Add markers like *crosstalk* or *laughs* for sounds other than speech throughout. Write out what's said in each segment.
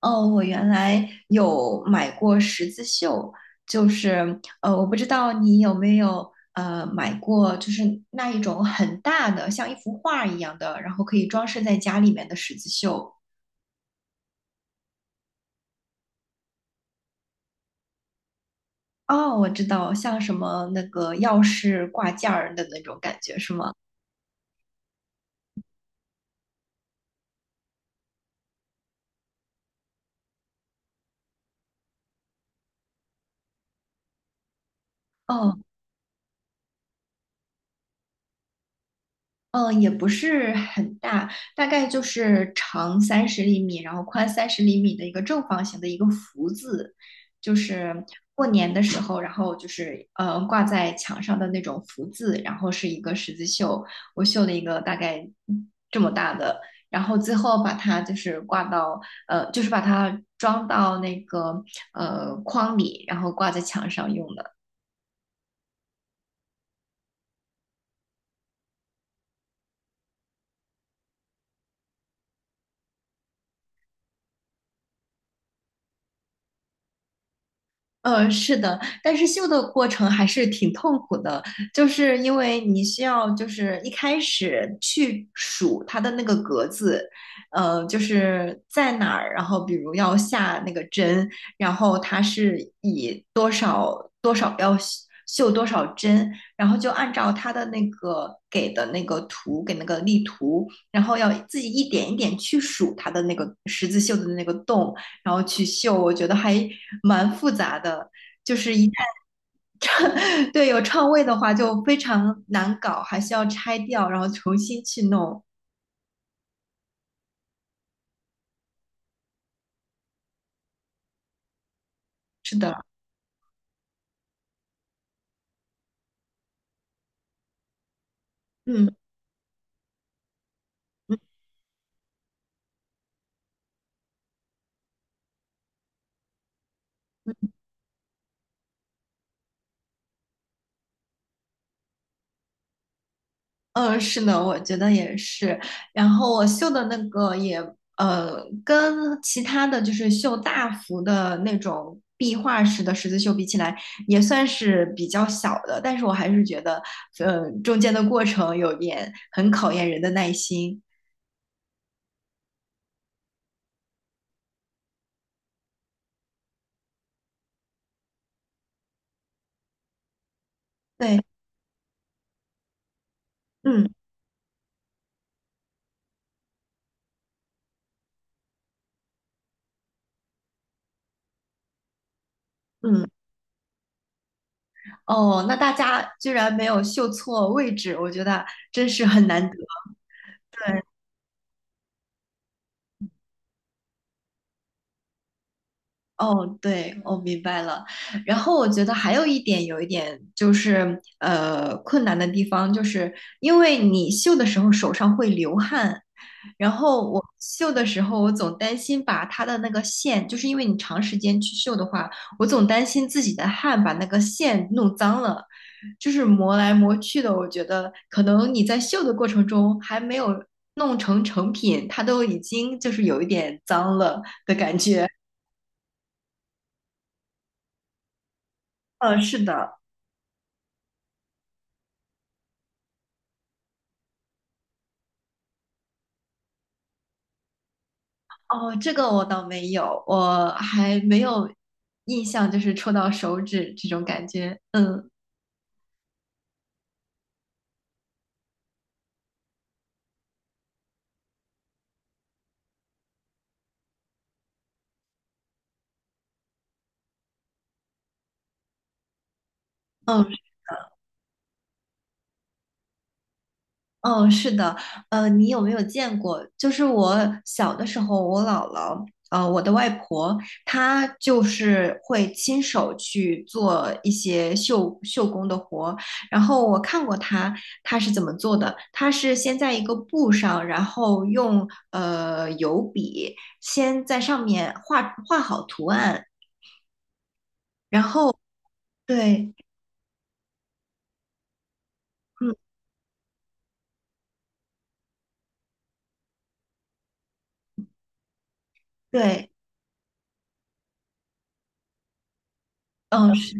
哦，我原来有买过十字绣，就是我不知道你有没有买过，就是那一种很大的，像一幅画一样的，然后可以装饰在家里面的十字绣。哦，我知道，像什么那个钥匙挂件儿的那种感觉是吗？哦，嗯，也不是很大，大概就是长三十厘米，然后宽三十厘米的一个正方形的一个福字，就是过年的时候，然后就是挂在墙上的那种福字，然后是一个十字绣，我绣了一个大概这么大的，然后最后把它就是挂到就是把它装到那个框里，然后挂在墙上用的。是的，但是绣的过程还是挺痛苦的，就是因为你需要就是一开始去数它的那个格子，就是在哪儿，然后比如要下那个针，然后它是以多少多少要绣多少针，然后就按照它的那个给的那个图，给那个例图，然后要自己一点一点去数它的那个十字绣的那个洞，然后去绣，我觉得还蛮复杂的。就是一旦对有串位的话，就非常难搞，还需要拆掉，然后重新去弄。是的，嗯嗯嗯，是的，我觉得也是。然后我绣的那个也跟其他的就是绣大幅的那种壁画式的十字绣比起来，也算是比较小的，但是我还是觉得，中间的过程有点很考验人的耐心。对，嗯嗯。哦，那大家居然没有绣错位置，我觉得真是很难得。哦，对，我、明白了。然后我觉得还有一点，有一点就是困难的地方，就是因为你绣的时候手上会流汗，然后我绣的时候，我总担心把它的那个线，就是因为你长时间去绣的话，我总担心自己的汗把那个线弄脏了，就是磨来磨去的。我觉得可能你在绣的过程中还没有弄成成品，它都已经就是有一点脏了的感觉。嗯，是的。哦，这个我倒没有，我还没有印象，就是戳到手指这种感觉。嗯。嗯，是的，你有没有见过？就是我小的时候，我姥姥，我的外婆，她就是会亲手去做一些绣绣工的活。然后我看过她，她是怎么做的？她是先在一个布上，然后用油笔先在上面画好图案，然后对，嗯，对，嗯，是。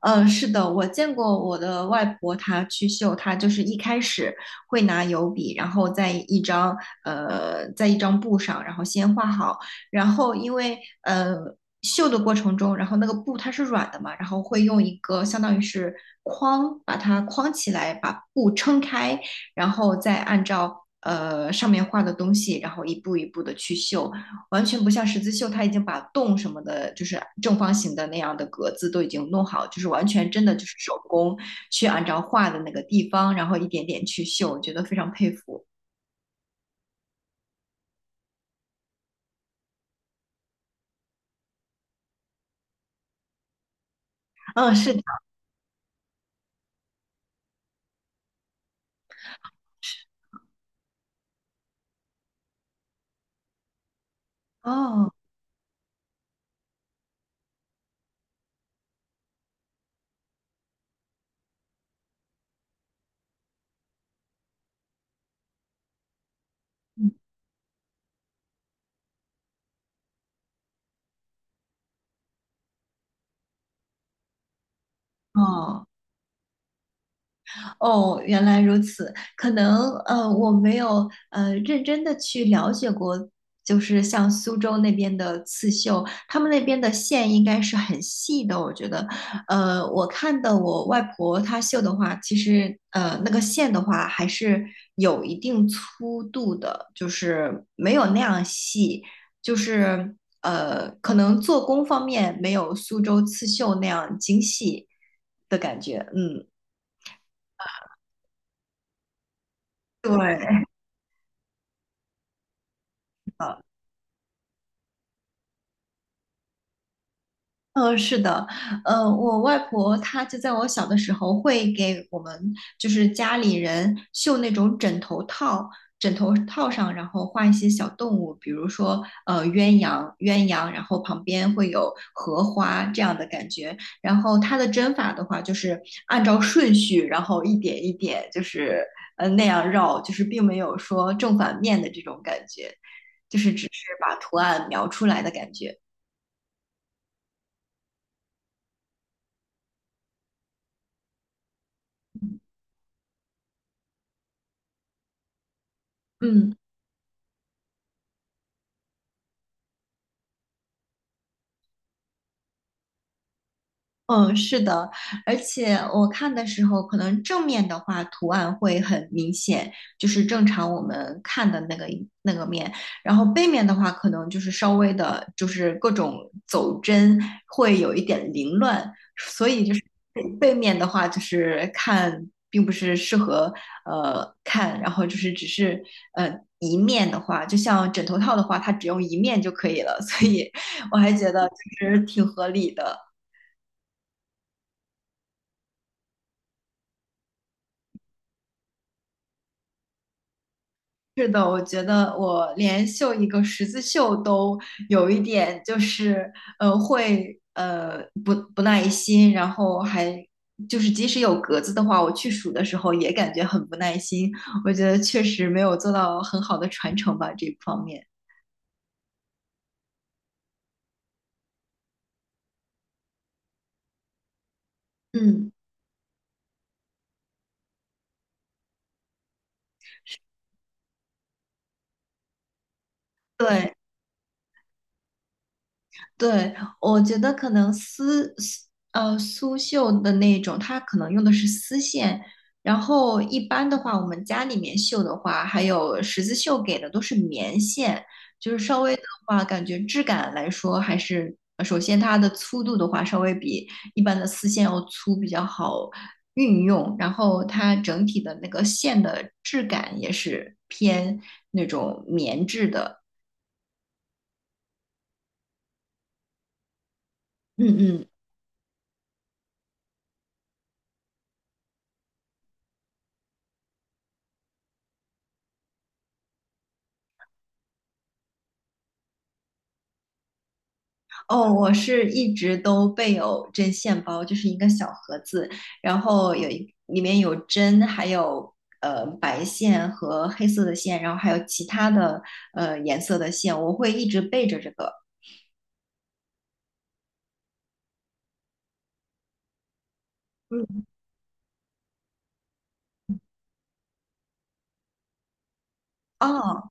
嗯，是的，我见过我的外婆，她去绣，她就是一开始会拿油笔，然后在一张在一张布上，然后先画好，然后因为绣的过程中，然后那个布它是软的嘛，然后会用一个相当于是框把它框起来，把布撑开，然后再按照上面画的东西，然后一步一步的去绣，完全不像十字绣，它已经把洞什么的，就是正方形的那样的格子都已经弄好，就是完全真的就是手工去按照画的那个地方，然后一点点去绣，我觉得非常佩服。嗯，是的，哦，嗯哦。哦，原来如此。可能我没有认真的去了解过，就是像苏州那边的刺绣，他们那边的线应该是很细的。我觉得，我看的我外婆她绣的话，其实那个线的话还是有一定粗度的，就是没有那样细，就是可能做工方面没有苏州刺绣那样精细的感觉。嗯，对。是的，我外婆她就在我小的时候会给我们就是家里人绣那种枕头套，枕头套上然后画一些小动物，比如说鸳鸯，鸳鸯，然后旁边会有荷花这样的感觉。然后它的针法的话，就是按照顺序，然后一点一点就是那样绕，就是并没有说正反面的这种感觉，就是只是把图案描出来的感觉。嗯。嗯，是的，而且我看的时候，可能正面的话图案会很明显，就是正常我们看的那个一那个面，然后背面的话，可能就是稍微的，就是各种走针会有一点凌乱。背背面的话，就是看并不是适合看，然后就是只是呃一面的话，就像枕头套的话，它只用一面就可以了，所以我还觉得就是挺合理的。是的，我觉得我连绣一个十字绣都有一点，就是会不耐心，然后还就是即使有格子的话，我去数的时候也感觉很不耐心。我觉得确实没有做到很好的传承吧，这一方面。嗯，对。对，我觉得可能苏绣的那种，它可能用的是丝线，然后一般的话，我们家里面绣的话，还有十字绣给的都是棉线，就是稍微的话，感觉质感来说还是首先它的粗度的话，稍微比一般的丝线要粗，比较好运用，然后它整体的那个线的质感也是偏那种棉质的，嗯嗯。哦，我是一直都备有针线包，就是一个小盒子，然后有一里面有针，还有白线和黑色的线，然后还有其他的颜色的线，我会一直备着这个。嗯，哦，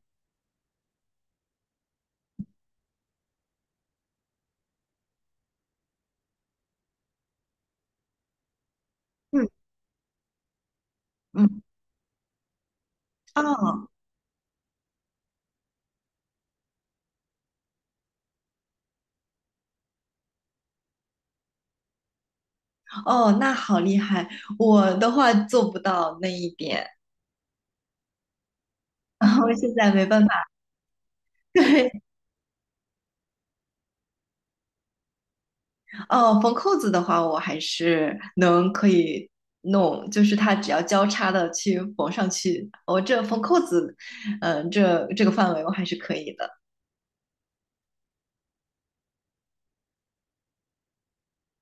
嗯，嗯，哦。哦，那好厉害，我的话做不到那一点，*laughs* 然后现在没办法。*laughs* 对。哦，缝扣子的话，我还是能可以弄，就是它只要交叉的去缝上去，我、这缝扣子，嗯、这这个范围我还是可以的。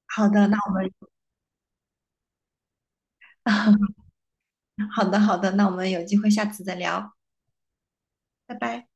好的，那我们 *laughs* 好的好的，那我们有机会下次再聊，拜拜。